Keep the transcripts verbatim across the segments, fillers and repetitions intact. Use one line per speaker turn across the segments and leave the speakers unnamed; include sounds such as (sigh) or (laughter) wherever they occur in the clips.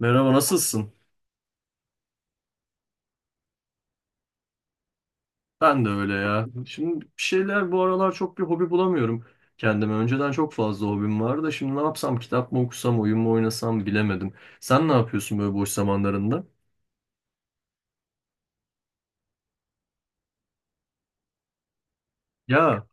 Merhaba, nasılsın? Ben de öyle ya. Şimdi bir şeyler bu aralar çok bir hobi bulamıyorum kendime. Önceden çok fazla hobim vardı da şimdi ne yapsam? Kitap mı okusam, oyun mu oynasam bilemedim. Sen ne yapıyorsun böyle boş zamanlarında? Ya,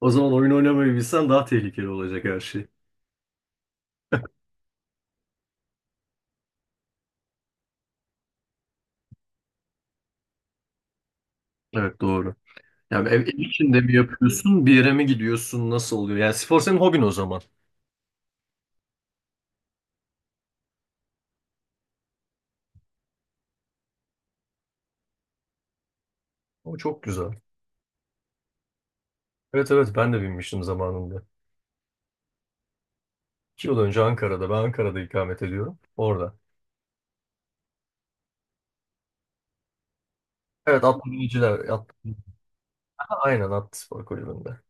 o zaman oyun oynamayı bilsen daha tehlikeli olacak her şey. Evet, doğru. Yani ev, ev içinde mi yapıyorsun, bir yere mi gidiyorsun, nasıl oluyor? Yani spor senin hobin o zaman. O çok güzel. Evet, evet, ben de binmiştim zamanında. İki yıl önce Ankara'da. Ben Ankara'da ikamet ediyorum. Orada. Evet, atlı biniciler. Aynen Akspor Kulübü'nde.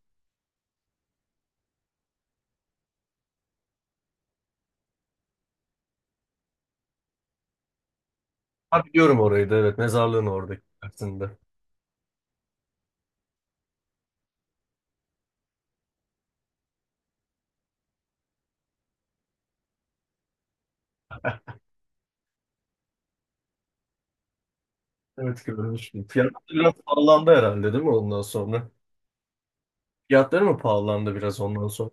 Ha, biliyorum orayı da, evet. Mezarlığın oradaki tersinde. Evet, görmüştüm. Fiyatlar biraz pahalandı herhalde, değil mi, ondan sonra? Fiyatları mı pahalandı biraz ondan sonra?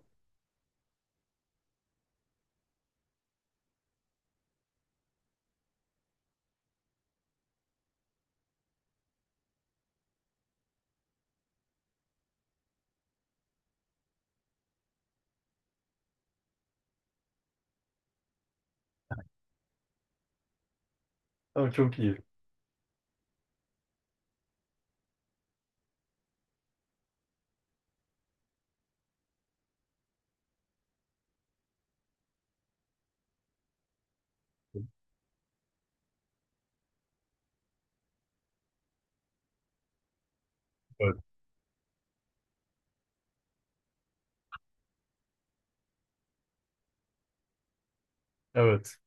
Ama çok iyi. Evet. Evet.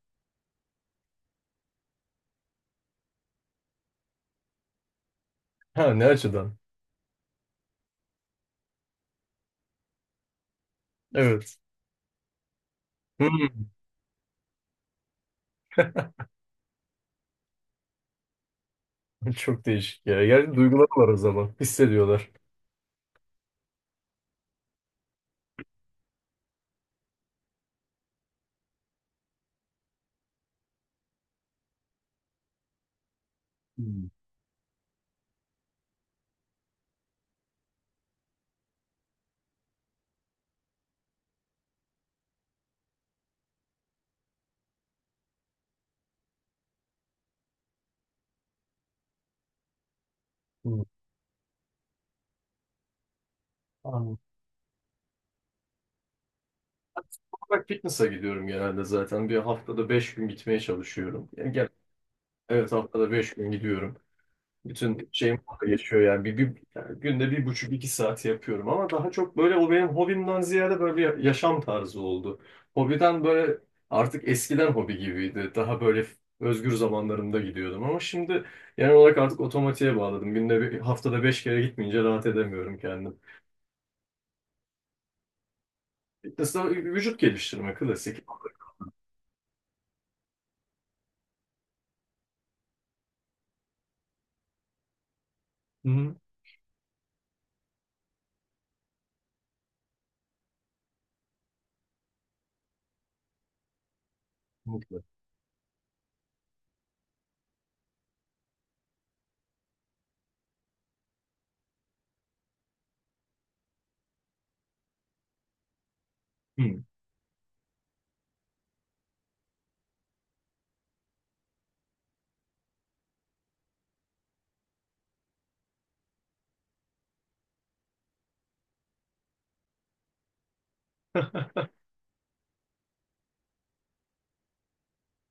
Ha, ne açıdan? Evet. Hmm. (laughs) Çok değişik ya. Yani duygular var o zaman. Hissediyorlar. Hmm. Hmm. Anladım. Olarak fitness'a gidiyorum genelde zaten. Bir haftada beş gün gitmeye çalışıyorum. Yani gel evet, haftada beş gün gidiyorum. Bütün şeyim orada geçiyor yani. Bir, bir, yani günde bir buçuk iki saat yapıyorum, ama daha çok böyle o benim hobimden ziyade böyle bir yaşam tarzı oldu. Hobiden böyle artık eskiden hobi gibiydi. Daha böyle özgür zamanlarımda gidiyordum ama şimdi genel olarak artık otomatiğe bağladım. Günde bir, haftada beş kere gitmeyince rahat edemiyorum kendim. Fitness'ta vücut geliştirme klasik. Hı hı. Mutlu. Hı. (laughs)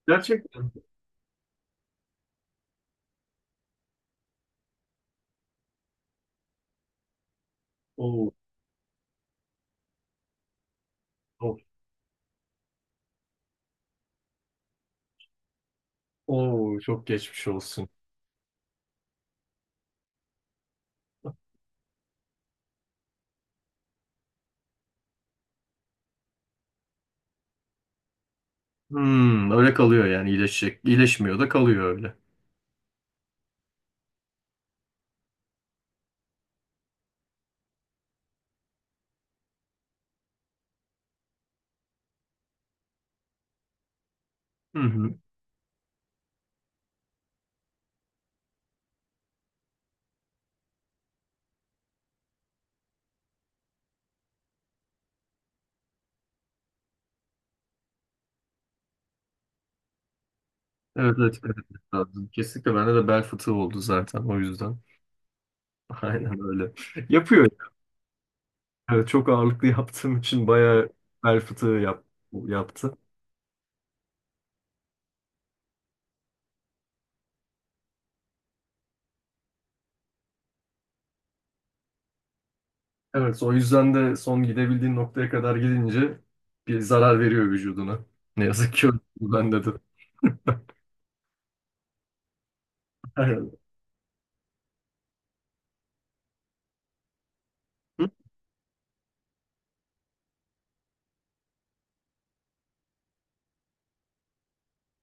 Gerçekten. Oo, oo, oo, çok geçmiş olsun. Hmm, öyle kalıyor yani, iyileşecek. İyileşmiyor da kalıyor öyle. Hı hı. Evet, evet, dikkat etmek lazım. Kesinlikle, bende de bel fıtığı oldu zaten o yüzden. (laughs) Aynen öyle. Yapıyor. Evet, çok ağırlıklı yaptığım için bayağı bel fıtığı yap, yaptı. Evet, o yüzden de son gidebildiğin noktaya kadar gidince bir zarar veriyor vücuduna. Ne yazık ki öyle. (laughs) Bende de. Aynen. Hı?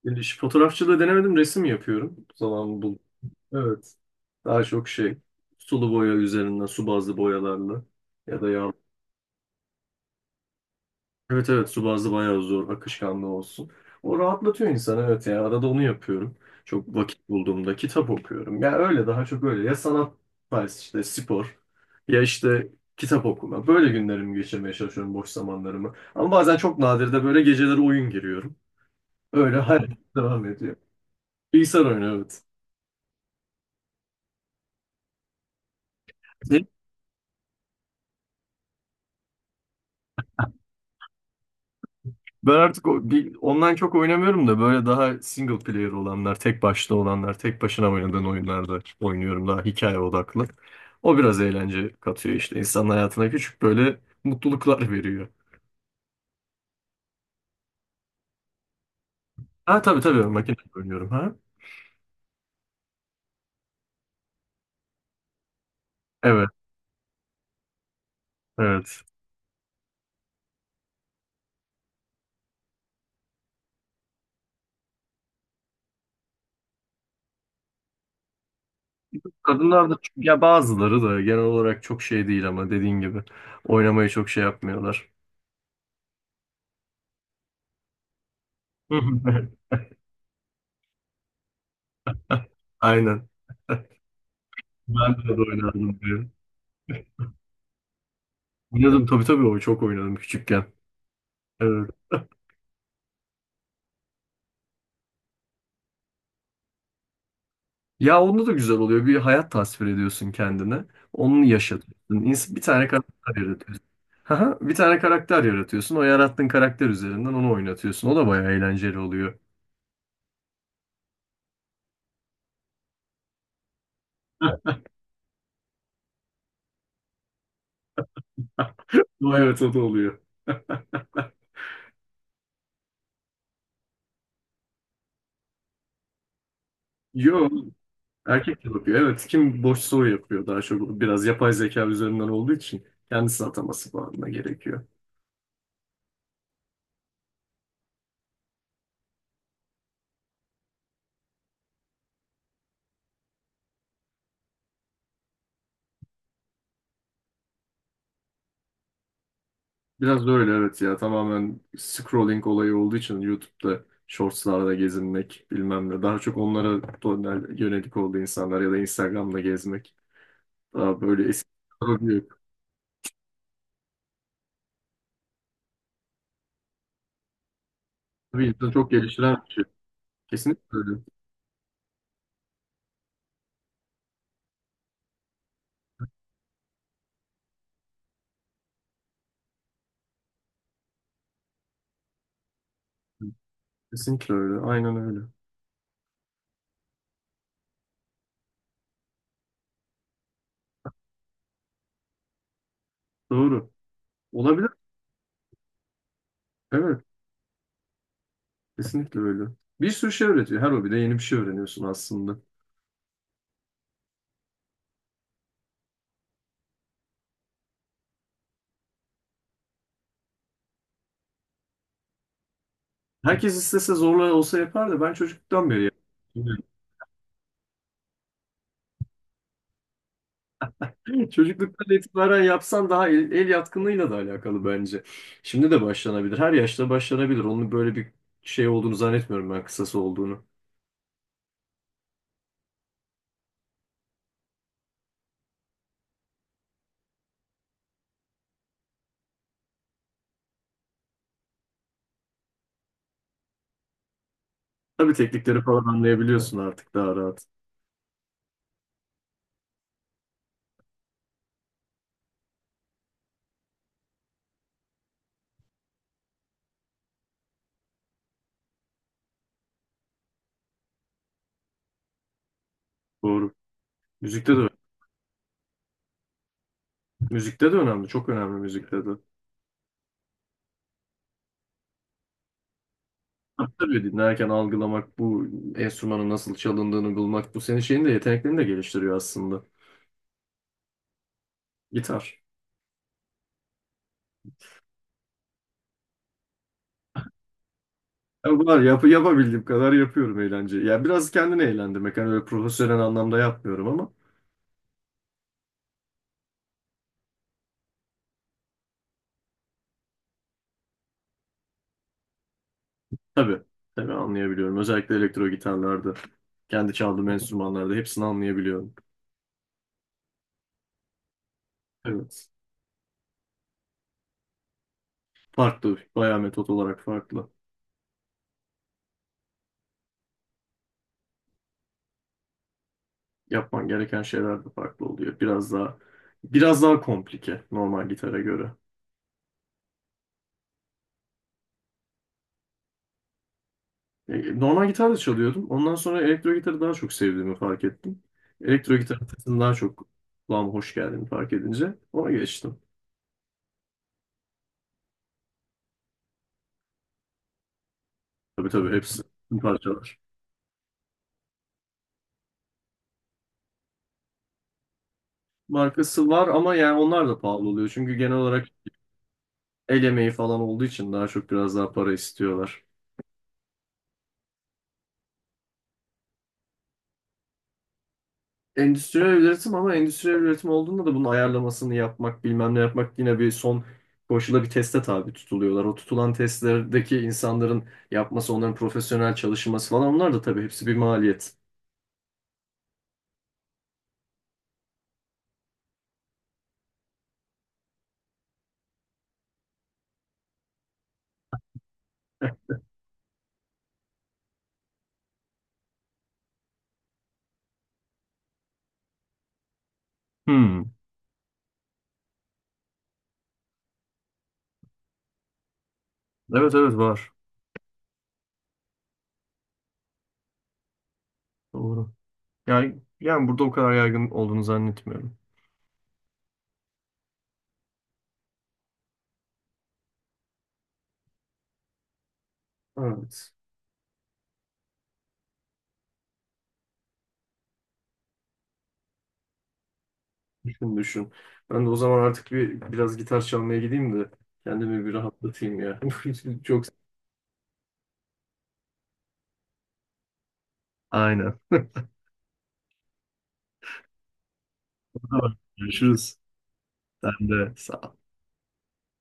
E, şu fotoğrafçılığı denemedim, resim yapıyorum. Zaman buldum. Evet. Daha çok şey, sulu boya üzerinden, su bazlı boyalarla ya da yağ. Evet, evet, su bazlı bayağı zor, akışkanlı olsun. O rahatlatıyor insanı, evet, ya arada onu yapıyorum. Çok vakit bulduğumda kitap okuyorum. Ya öyle, daha çok öyle ya sanat tarzı işte, spor ya işte kitap okuma. Böyle günlerimi geçirmeye çalışıyorum, boş zamanlarımı. Ama bazen çok nadir de böyle geceleri oyun giriyorum. Öyle hayat (laughs) devam ediyor. Bilgisayar oyunu, evet. Ben artık o- bir, online çok oynamıyorum da böyle daha single player olanlar, tek başta olanlar, tek başına oynadığın oyunlarda oynuyorum, daha hikaye odaklı. O biraz eğlence katıyor işte insanın hayatına, küçük böyle mutluluklar (laughs) veriyor. Ha, tabii, tabii, makine oynuyorum, ha. Evet, evet. Kadınlar da ya, bazıları da genel olarak çok şey değil, ama dediğin gibi oynamayı çok şey yapmıyorlar. (laughs) Aynen. Ben de oynardım diyor. Oynadım, tabii, tabii, o çok oynadım küçükken. Evet. Ya onda da güzel oluyor. Bir hayat tasvir ediyorsun kendine. Onu yaşatıyorsun. İns- Bir tane karakter yaratıyorsun. Haha, bir tane karakter yaratıyorsun. O yarattığın karakter üzerinden onu oynatıyorsun. O da bayağı eğlenceli oluyor. (laughs) O, evet, o da oluyor. (laughs) Yo, erkek de yapıyor. Evet, kim boş soru yapıyor daha çok. Biraz yapay zeka üzerinden olduğu için kendisi ataması falan da gerekiyor. Biraz da öyle, evet, ya tamamen scrolling olayı olduğu için YouTube'da shortslarda gezinmek bilmem ne. Daha çok onlara dön- yönelik oldu insanlar, ya da Instagram'da gezmek. Daha böyle eski hobi yok. Tabii insanı çok geliştiren bir şey. Kesinlikle öyle. Kesinlikle öyle. Aynen öyle. Doğru. Olabilir. Evet. Kesinlikle öyle. Bir sürü şey öğretiyor. Her hobide yeni bir şey öğreniyorsun aslında. Herkes istese zorla olsa yapar da, ben çocukluktan beri yapıyorum. (laughs) Çocukluktan itibaren yapsan daha el, el yatkınlığıyla da alakalı bence. Şimdi de başlanabilir. Her yaşta başlanabilir. Onun böyle bir şey olduğunu zannetmiyorum ben, kısası olduğunu. Tabii teknikleri falan anlayabiliyorsun artık daha rahat. Doğru. Müzikte de müzikte de önemli. Çok önemli, müzikte de. Tabii dinlerken algılamak, bu enstrümanın nasıl çalındığını bulmak, bu senin şeyini de, yeteneklerini de geliştiriyor aslında. Gitar. Ya var, yap, yapabildiğim kadar yapıyorum, eğlence. Ya biraz kendini eğlendirmek. Hani öyle profesyonel anlamda yapmıyorum ama. Tabii, tabii, anlayabiliyorum. Özellikle elektro gitarlarda, kendi çaldığım enstrümanlarda hepsini anlayabiliyorum. Evet. Farklı, bayağı metot olarak farklı. Yapman gereken şeyler de farklı oluyor. Biraz daha biraz daha komplike normal gitara göre. E, Normal gitar da çalıyordum. Ondan sonra elektro gitarı daha çok sevdiğimi fark ettim. Elektro gitar sesini daha çok kulağıma hoş geldiğini fark edince ona geçtim. Tabii, tabii, hepsi tüm parçalar. Markası var ama yani onlar da pahalı oluyor. Çünkü genel olarak el emeği falan olduğu için daha çok biraz daha para istiyorlar. Endüstriyel üretim, ama endüstriyel üretim olduğunda da bunun ayarlamasını yapmak, bilmem ne yapmak, yine bir son koşula, bir teste tabi tutuluyorlar. O tutulan testlerdeki insanların yapması, onların profesyonel çalışması falan, onlar da tabii hepsi bir maliyet. Hmm. Evet, evet, var. Doğru. Yani, yani burada o kadar yaygın olduğunu zannetmiyorum. Evet. Düşün, düşün. Ben de o zaman artık bir biraz gitar çalmaya gideyim de kendimi bir rahatlatayım ya. (laughs) Çok. Aynen. Tamam. Görüşürüz. Sen de sağ ol.